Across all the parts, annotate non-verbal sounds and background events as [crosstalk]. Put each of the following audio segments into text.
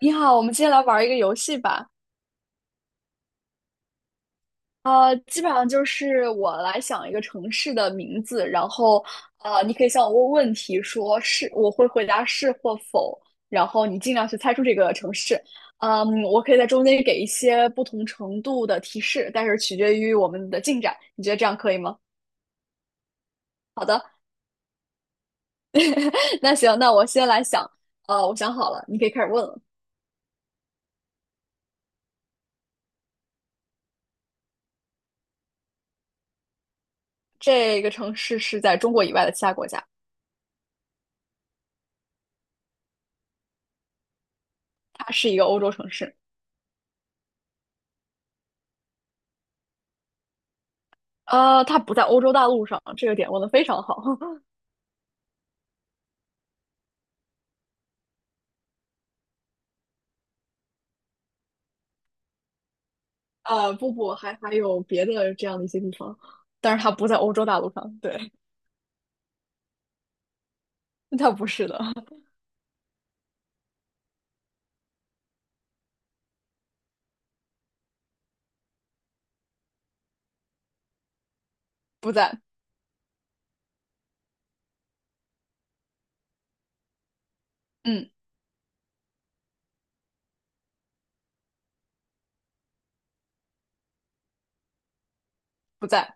你好，我们今天来玩一个游戏吧。基本上就是我来想一个城市的名字，然后你可以向我问问题，说是，我会回答是或否，然后你尽量去猜出这个城市。嗯，我可以在中间给一些不同程度的提示，但是取决于我们的进展。你觉得这样可以吗？好的，[laughs] 那行，那我先来想。我想好了，你可以开始问了。这个城市是在中国以外的其他国家，它是一个欧洲城市。它不在欧洲大陆上，这个点问的非常好。[laughs] 呃，不不，还有别的这样的一些地方，但是它不在欧洲大陆上。对，它不是的，不在，嗯，不在，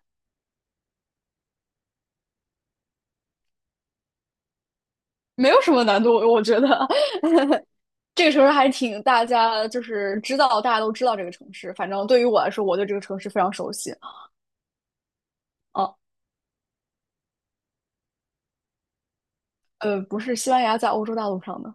没有什么难度，我觉得 [laughs] 这个城市还挺大家就是知道，大家都知道这个城市。反正对于我来说，我对这个城市非常熟悉。啊，不是西班牙在欧洲大陆上的。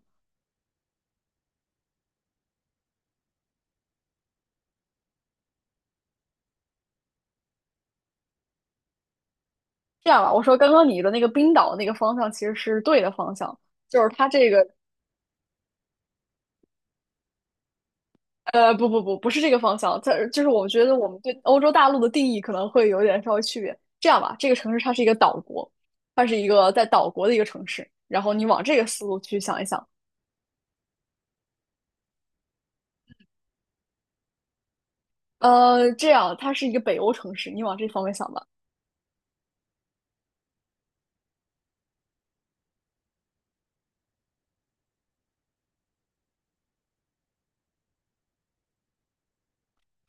这样吧，我说刚刚你的那个冰岛那个方向其实是对的方向，就是它这个不是这个方向。它就是我觉得我们对欧洲大陆的定义可能会有点稍微区别。这样吧，这个城市它是一个岛国，它是一个在岛国的一个城市。然后你往这个思路去想一想，这样它是一个北欧城市，你往这方面想吧。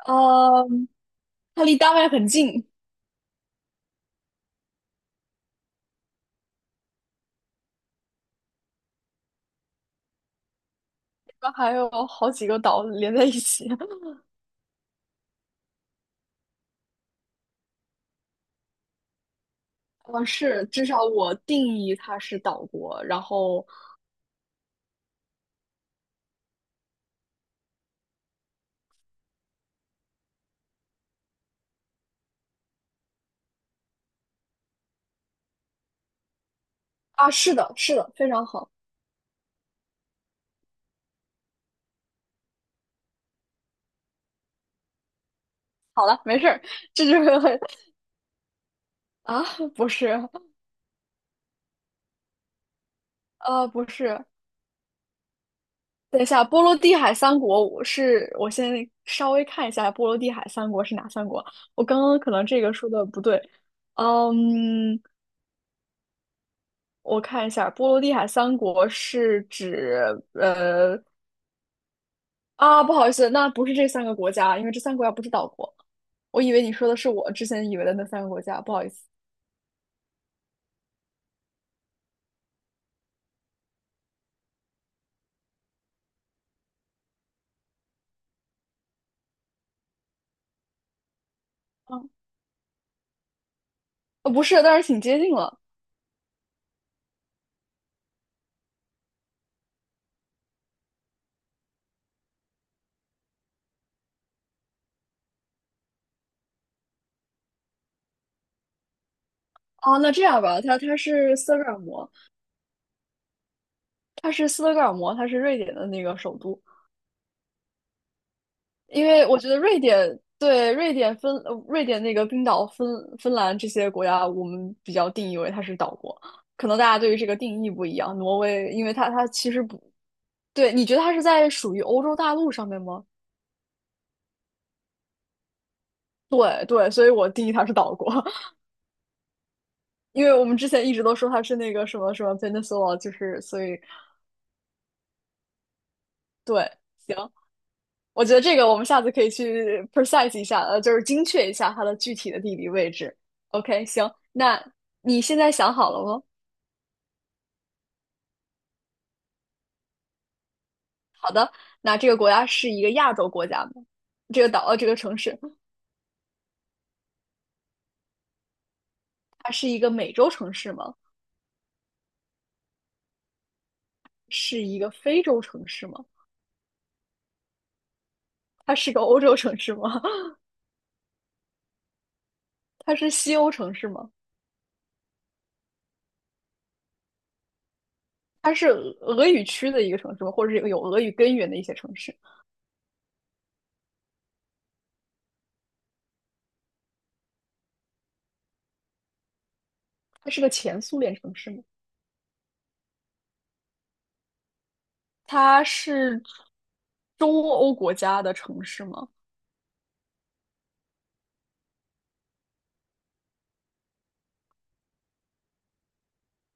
呃，它离丹麦很近，它还有好几个岛连在一起。[laughs] 是，至少我定义它是岛国。然后啊，是的，是的，非常好。好了，没事儿，这就是 [laughs] 啊，不是。呃，不是，等一下，波罗的海三国，我先稍微看一下波罗的海三国是哪三国。我刚刚可能这个说的不对，嗯，我看一下，波罗的海三国是指呃啊，不好意思，那不是这三个国家，因为这三个国家不是岛国。我以为你说的是我之前以为的那三个国家，不好意思，啊，不是，但是挺接近了。啊。那这样吧，它是斯德哥尔摩，它是斯德哥尔摩，它是瑞典的那个首都。因为我觉得瑞典那个冰岛、芬兰这些国家，我们比较定义为它是岛国，可能大家对于这个定义不一样。挪威，因为它其实不对，你觉得它是在属于欧洲大陆上面吗？对对，所以我定义它是岛国，[laughs] 因为我们之前一直都说它是那个什么什么 peninsula，就是所以对，行，我觉得这个我们下次可以去 precise 一下，就是精确一下它的具体的地理位置。OK，行，那你现在想好了吗？那这个国家是一个亚洲国家吗？这个岛，这个城市，它是一个美洲城市吗？是一个非洲城市吗？它是个欧洲城市吗？[laughs] 它是西欧城市吗？它是俄语区的一个城市吗？或者是有俄语根源的一些城市？它是个前苏联城市吗？它是中欧国家的城市吗？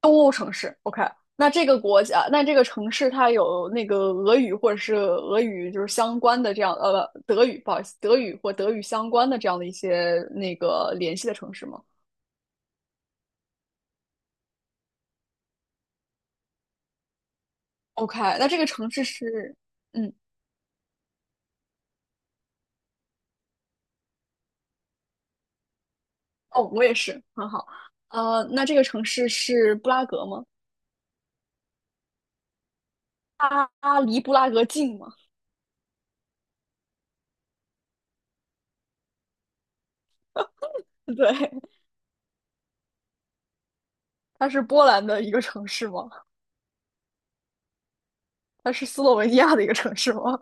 东欧城市，OK，那这个国家，那这个城市它有那个俄语或者是俄语就是相关的这样，德语，不好意思，德语或德语相关的这样的一些那个联系的城市吗？OK，那这个城市是，嗯，哦，我也是，很好，那这个城市是布拉格吗？它离布拉格近吗？[laughs] 对，它是波兰的一个城市吗？它是斯洛文尼亚的一个城市吗？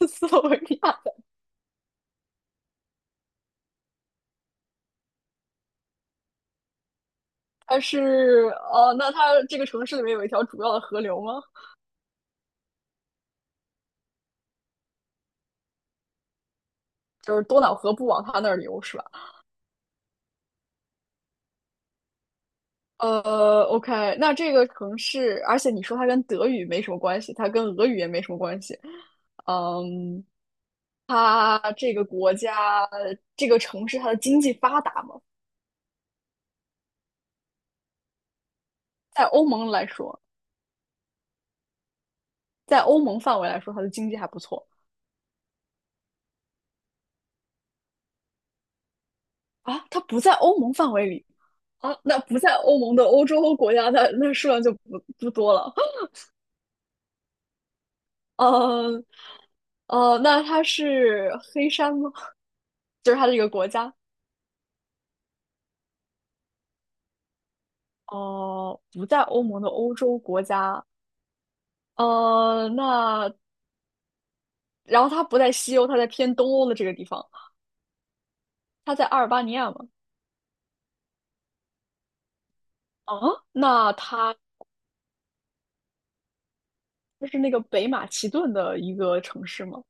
[laughs] 斯洛文尼亚。它是哦，那它这个城市里面有一条主要的河流吗？就是多瑙河不往它那儿流是吧？OK，那这个城市，而且你说它跟德语没什么关系，它跟俄语也没什么关系。嗯，它这个国家，这个城市，它的经济发达吗？在欧盟来说，在欧盟范围来说，它的经济还不错啊。它不在欧盟范围里啊，那不在欧盟的欧洲国家，那那数量就不多了。呃，那它是黑山吗？[laughs] 就是它这个国家，哦、不在欧盟的欧洲国家，那然后它不在西欧，它在偏东欧的这个地方，它在阿尔巴尼亚吗？啊，那它就是那个北马其顿的一个城市吗？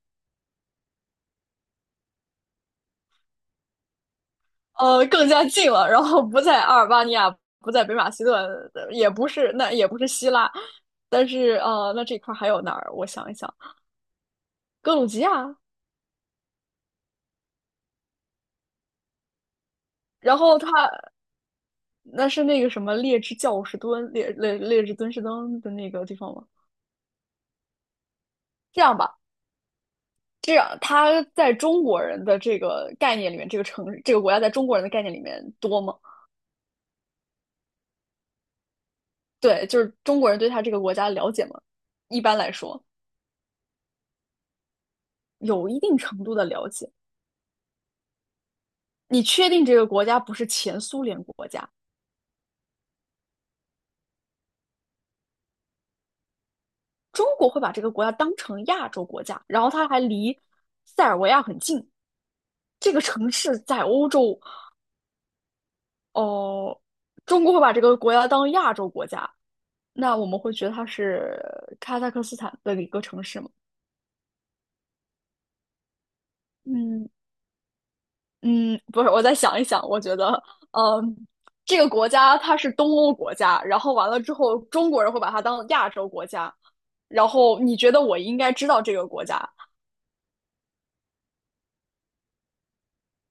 更加近了，然后不在阿尔巴尼亚，不在北马其顿，也不是，那也不是希腊，但是那这块儿还有哪儿？我想一想，格鲁吉亚，然后它。那是那个什么劣质教士敦劣劣劣质敦士登的那个地方吗？这样吧，这样他在中国人的这个概念里面，这个城这个国家在中国人的概念里面多吗？对，就是中国人对他这个国家了解吗？一般来说，有一定程度的了解。你确定这个国家不是前苏联国家？中国会把这个国家当成亚洲国家，然后它还离塞尔维亚很近。这个城市在欧洲哦，中国会把这个国家当亚洲国家，那我们会觉得它是哈萨克斯坦的一个城市吗？嗯嗯，不是，我再想一想，我觉得，嗯，这个国家它是东欧国家，然后完了之后，中国人会把它当亚洲国家，然后你觉得我应该知道这个国家，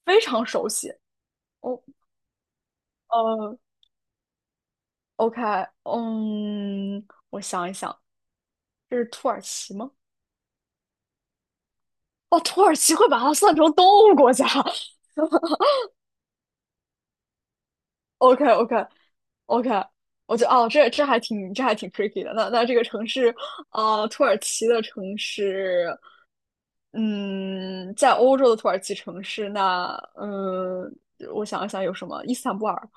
非常熟悉。哦，呃，OK，嗯，我想一想，这是土耳其吗？哦，土耳其会把它算成东欧国家，[laughs] OK OK OK，我觉得哦，这还挺 tricky 的。那那这个城市，土耳其的城市，嗯，在欧洲的土耳其城市，那嗯，我想一想有什么？伊斯坦布尔。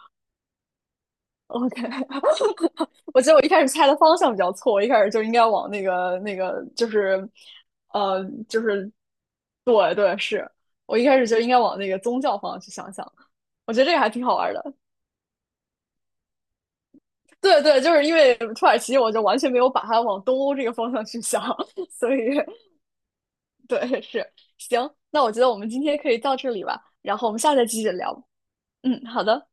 OK，[laughs] 我觉得我一开始猜的方向比较错，我一开始就应该往那个就是，呃，就是对对，是我一开始就应该往那个宗教方向去想想。我觉得这个还挺好玩的。对对，就是因为土耳其，我就完全没有把它往东欧这个方向去想，[laughs] 所以对，是，行，那我觉得我们今天可以到这里吧，然后我们下次再继续聊。嗯，好的。